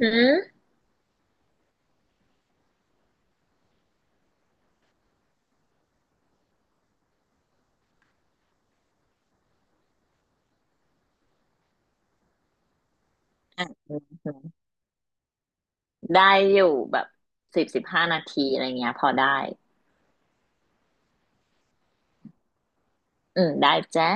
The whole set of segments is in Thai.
อืมอ่ะอืมอืมได้อยู่แบบสิบสิบห้านาทีอะไรเงี้ยพอได้อืมได้จ้า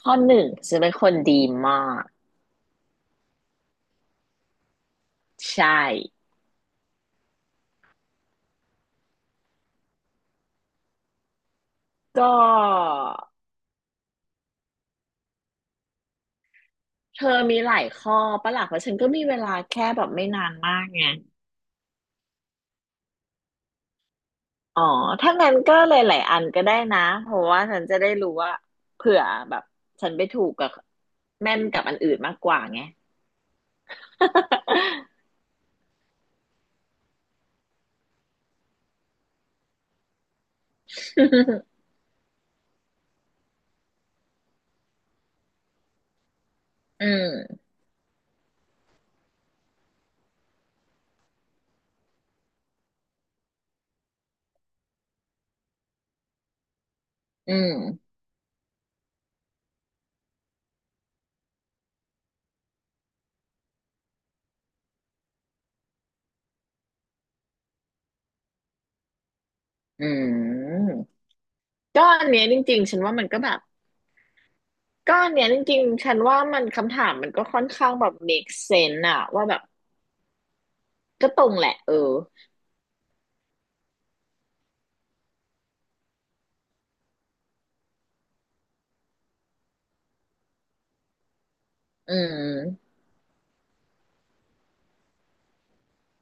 ข้อหนึ่งฉันเป็นคนดีมากใช่ก็เธอมีหลายข้อปะล่ะเพราะฉันก็มีเวลาแค่แบบไม่นานมากไงอ๋อถ้างั้นก็หลายๆอันก็ได้นะเพราะว่าฉันจะได้รู้ว่าเผื่อแบบฉันไปถูกกับแม่นกับอันอื่นมากกว่าไง อืมอืมอืม ก็อันเนี้ยจริงๆฉันว่ามันก็แบบก็อันเนี้ยจริงๆฉันว่ามันคำถามมันก็ค่อนข้างแบบ make sense อะว่าแบบก็ตรงแหละเอออืม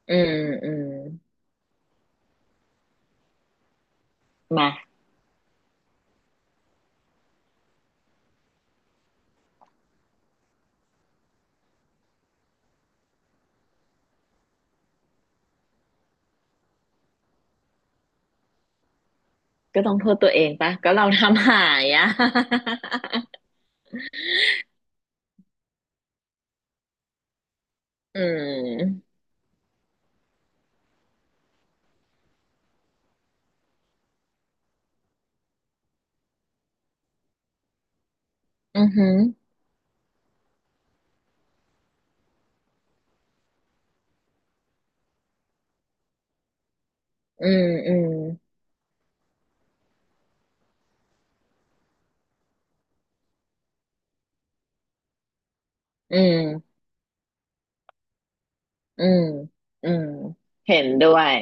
อืมอืมมาก็ต้องโทษตัวเองปะก็เราทำหายอะ อืมอือหืออืมอืมอืมอืมอืมเห็นด้วย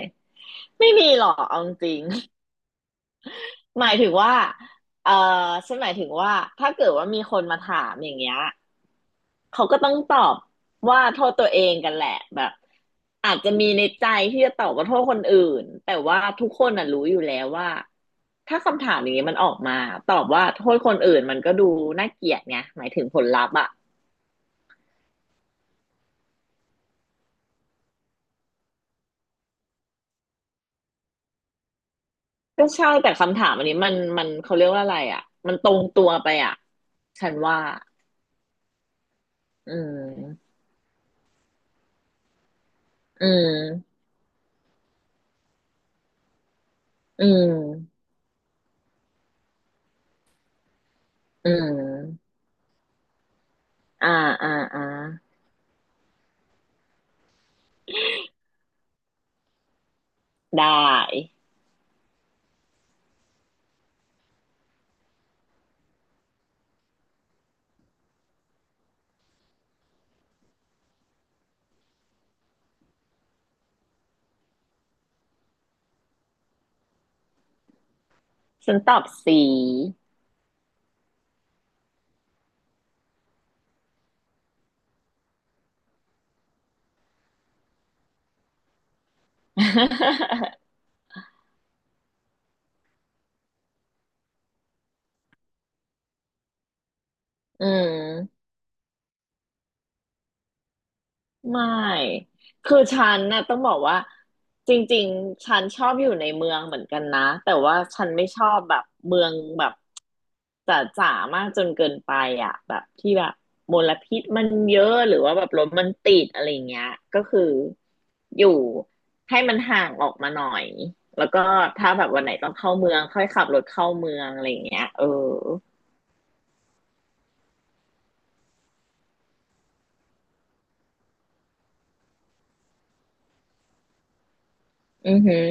ไม่มีหรอกเอาจริง หมายถึงว่าเออฉันหมายถึงว่าถ้าเกิดว่ามีคนมาถามอย่างเงี้ย เขาก็ต้องตอบว่าโทษตัวเองกันแหละแบบอาจจะมีในใจที่จะตอบว่าโทษคนอื่นแต่ว่าทุกคนน่ะรู้อยู่แล้วว่าถ้าคำถามอย่างนี้มันออกมาตอบว่าโทษคนอื่นมันก็ดูน่าเกลียดไงหมายถึงผลลัพธ์อ่ะก็ใช่แต่คำถามอันนี้มันเขาเรียกว่าอะไรอ่ะมันตรงตัวไปอ่ะฉันว่าอืมอืมอืมอืมอ่าอ่าอ่าได้ฉันตอบสี อืม ไม่คือฉันน่ะต้องบอกว่าจริงๆฉันชอบอยู่ในเมืองเหมือนกันนะแต่ว่าฉันไม่ชอบแบบเมืองแบบจ๋าจ๋ามากจนเกินไปอ่ะแบบที่แบบมลพิษมันเยอะหรือว่าแบบรถมันติดอะไรเงี้ยก็คืออยู่ให้มันห่างออกมาหน่อยแล้วก็ถ้าแบบวันไหนต้องเข้าเมืองค่อยขับรถเข้าเมืองอะไรเงี้ยเอออือหือ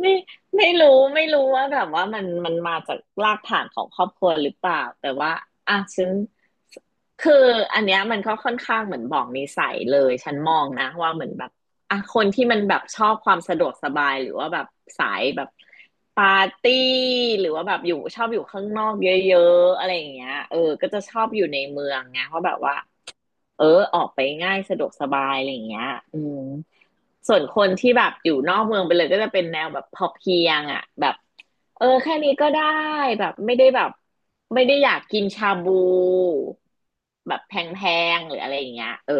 ไม่ไม่รู้ว่าแบบว่ามันมาจากรากฐานของครอบครัวหรือเปล่าแต่ว่าอ่ะฉันคืออันเนี้ยมันก็ค่อนข้างเหมือนบอกนิสัยเลยฉันมองนะว่าเหมือนแบบอ่ะคนที่มันแบบชอบความสะดวกสบายหรือว่าแบบสายแบบปาร์ตี้หรือว่าแบบอยู่ชอบอยู่ข้างนอกเยอะๆอะไรอย่างเงี้ยเออก็จะชอบอยู่ในเมืองไงเพราะแบบว่า เออออกไปง่ายสะดวกสบายอะไรอย่างเงี้ยอืมส่วนคนที่แบบอยู่นอกเมืองไปเลยก็จะเป็นแนวแบบพอเพียงอ่ะแบบเออแค่นี้ก็ได้แบบไม่ได้แบบไม่ได้อยากกินชาบูแบบแพงๆหรืออะไรอย่างเงี้ยเออ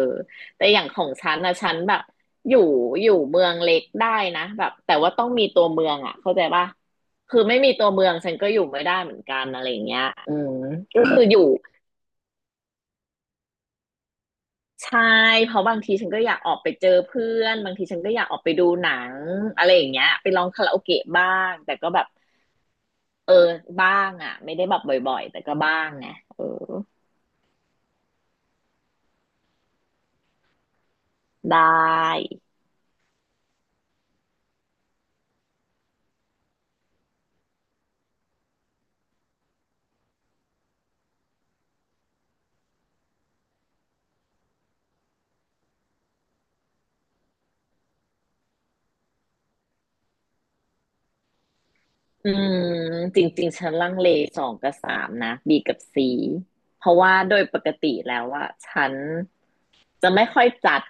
แต่อย่างของฉันนะฉันแบบอยู่อยู่เมืองเล็กได้นะแบบแต่ว่าต้องมีตัวเมืองอ่ะเข้าใจป่ะคือไม่มีตัวเมืองฉันก็อยู่ไม่ได้เหมือนกันอะไรอย่างเงี้ยอืมก็คืออยู่ ใช่เพราะบางทีฉันก็อยากออกไปเจอเพื่อนบางทีฉันก็อยากออกไปดูหนังอะไรอย่างเงี้ยไปร้องคาราโอเกะบ้างแต่ก็แบบเออบ้างอ่ะไม่ได้แบบบ่อยๆแต่ก็บ้างไงเออได้ อืมจริงๆฉันลังเลสองกับสามนะ B กับ C เพราะว่าโดยปกติแล้วอะฉันจะไม่ค่อยจัด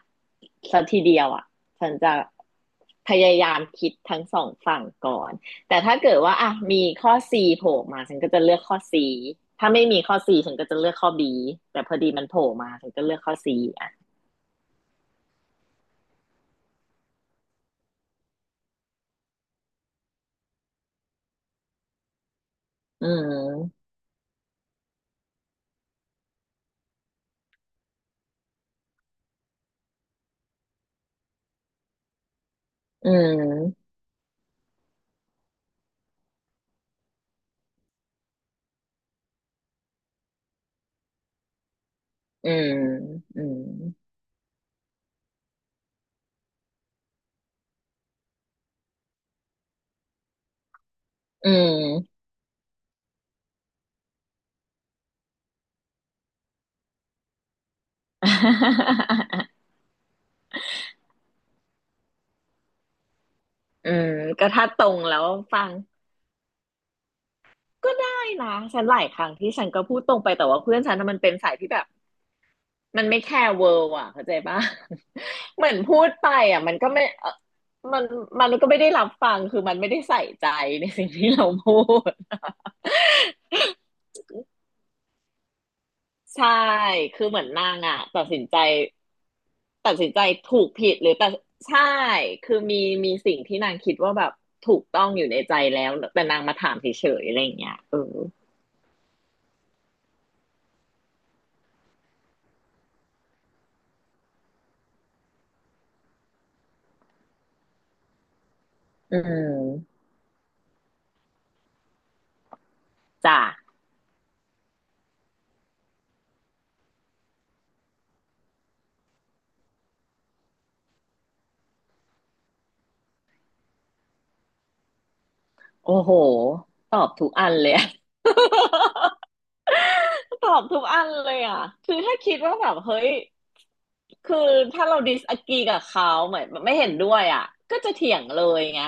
สัทีเดียวอะฉันจะพยายามคิดทั้งสองฝั่งก่อนแต่ถ้าเกิดว่าอะมีข้อ C โผล่มาฉันก็จะเลือกข้อ C ถ้าไม่มีข้อ C ฉันก็จะเลือกข้อ B แต่พอดีมันโผล่มาฉันก็เลือกข้อ C อะอืมอืมอืมอืม อืม เออก็ถ้าตรงแล้วฟังก็ได้นะฉันหลายครั้งที่ฉันก็พูดตรงไปแต่ว่าเพื่อนฉันน่ะมันเป็นสายที่แบบมันไม่แคร์เวิร์อ่ะเข้าใจปะ เหมือนพูดไปอ่ะมันก็ไม่มันมันก็ไม่ได้รับฟังคือมันไม่ได้ใส่ใจในสิ่งที่เราพูด ใช่คือเหมือนนางอ่ะตัดสินใจถูกผิดหรือแต่ใช่คือมีสิ่งที่นางคิดว่าแบบถูกต้องอยู่ในใจแล้วแต่นางมาถามเฉยๆอะไรอย่างเงี้ยเอออืมจ้ะ โอ้โห ตอบทุกอันเลยอะ ตอบทุกอันเลยอ่ะคือถ้าคิดว่าแบบ เฮ้ยคือถ้าเราดิสอ r ีกับเขาเหมือนไม่เห็นด้วยอ่ะก็จะเถียงเลยไง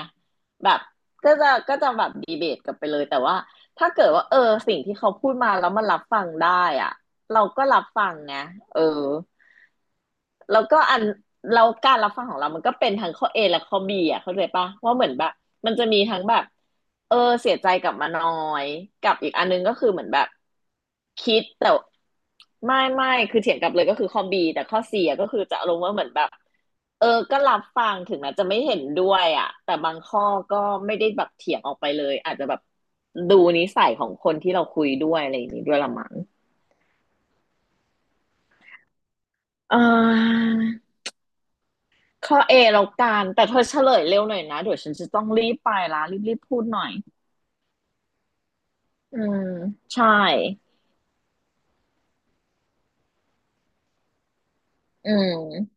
แบบก็จะแบบดีเบตกันไปเลยแต่ว่าถ้าเกิดว่าเออสิ่งที่เขาพูดมาแล้วมันรับฟังได้อ่ะเราก็รับฟังนะเออ แล้วก็อันแล้วการรับฟังของเรามันก็เป็นทั้งข้อ A และข้อ B อ่ะเข้าใจปะว่าเหมือนแบบมันจะมีทั้งแบบเออเสียใจกลับมาน้อยกับอีกอันนึงก็คือเหมือนแบบคิดแต่ไม่ไม่คือเถียงกลับเลยก็คือข้อ B แต่ข้อ C อ่ะก็คือจะลง์ว่าเหมือนแบบเออก็รับฟังถึงแม้จะไม่เห็นด้วยอ่ะแต่บางข้อก็ไม่ได้แบบเถียงออกไปเลยอาจจะแบบดูนิสัยของคนที่เราคุยด้วยอะไรอย่างนี้ด้วยละมั้งอ่า ข้อเอแล้วกันแต่เธอเฉลยเร็วหน่อยนะเดี๋ยวฉันจะต้องรีบไปละรีบพูดหน่อยอืมใช่อืม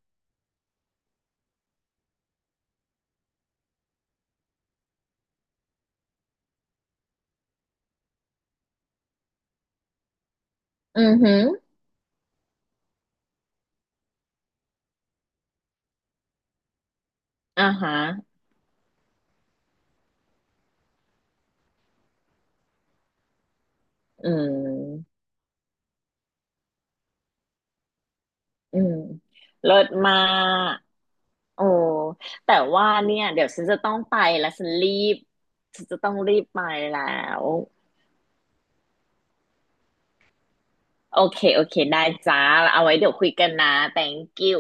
อือหืออ่าฮะอืมอืมเลิศมากโอ้แต่ว่าเนี่ยเดี๋ยวฉันจะต้องไปแล้วฉันรีบฉันจะต้องรีบไปแล้วโอเคโอเคได้จ้าเอาไว้เดี๋ยวคุยกันนะ thank you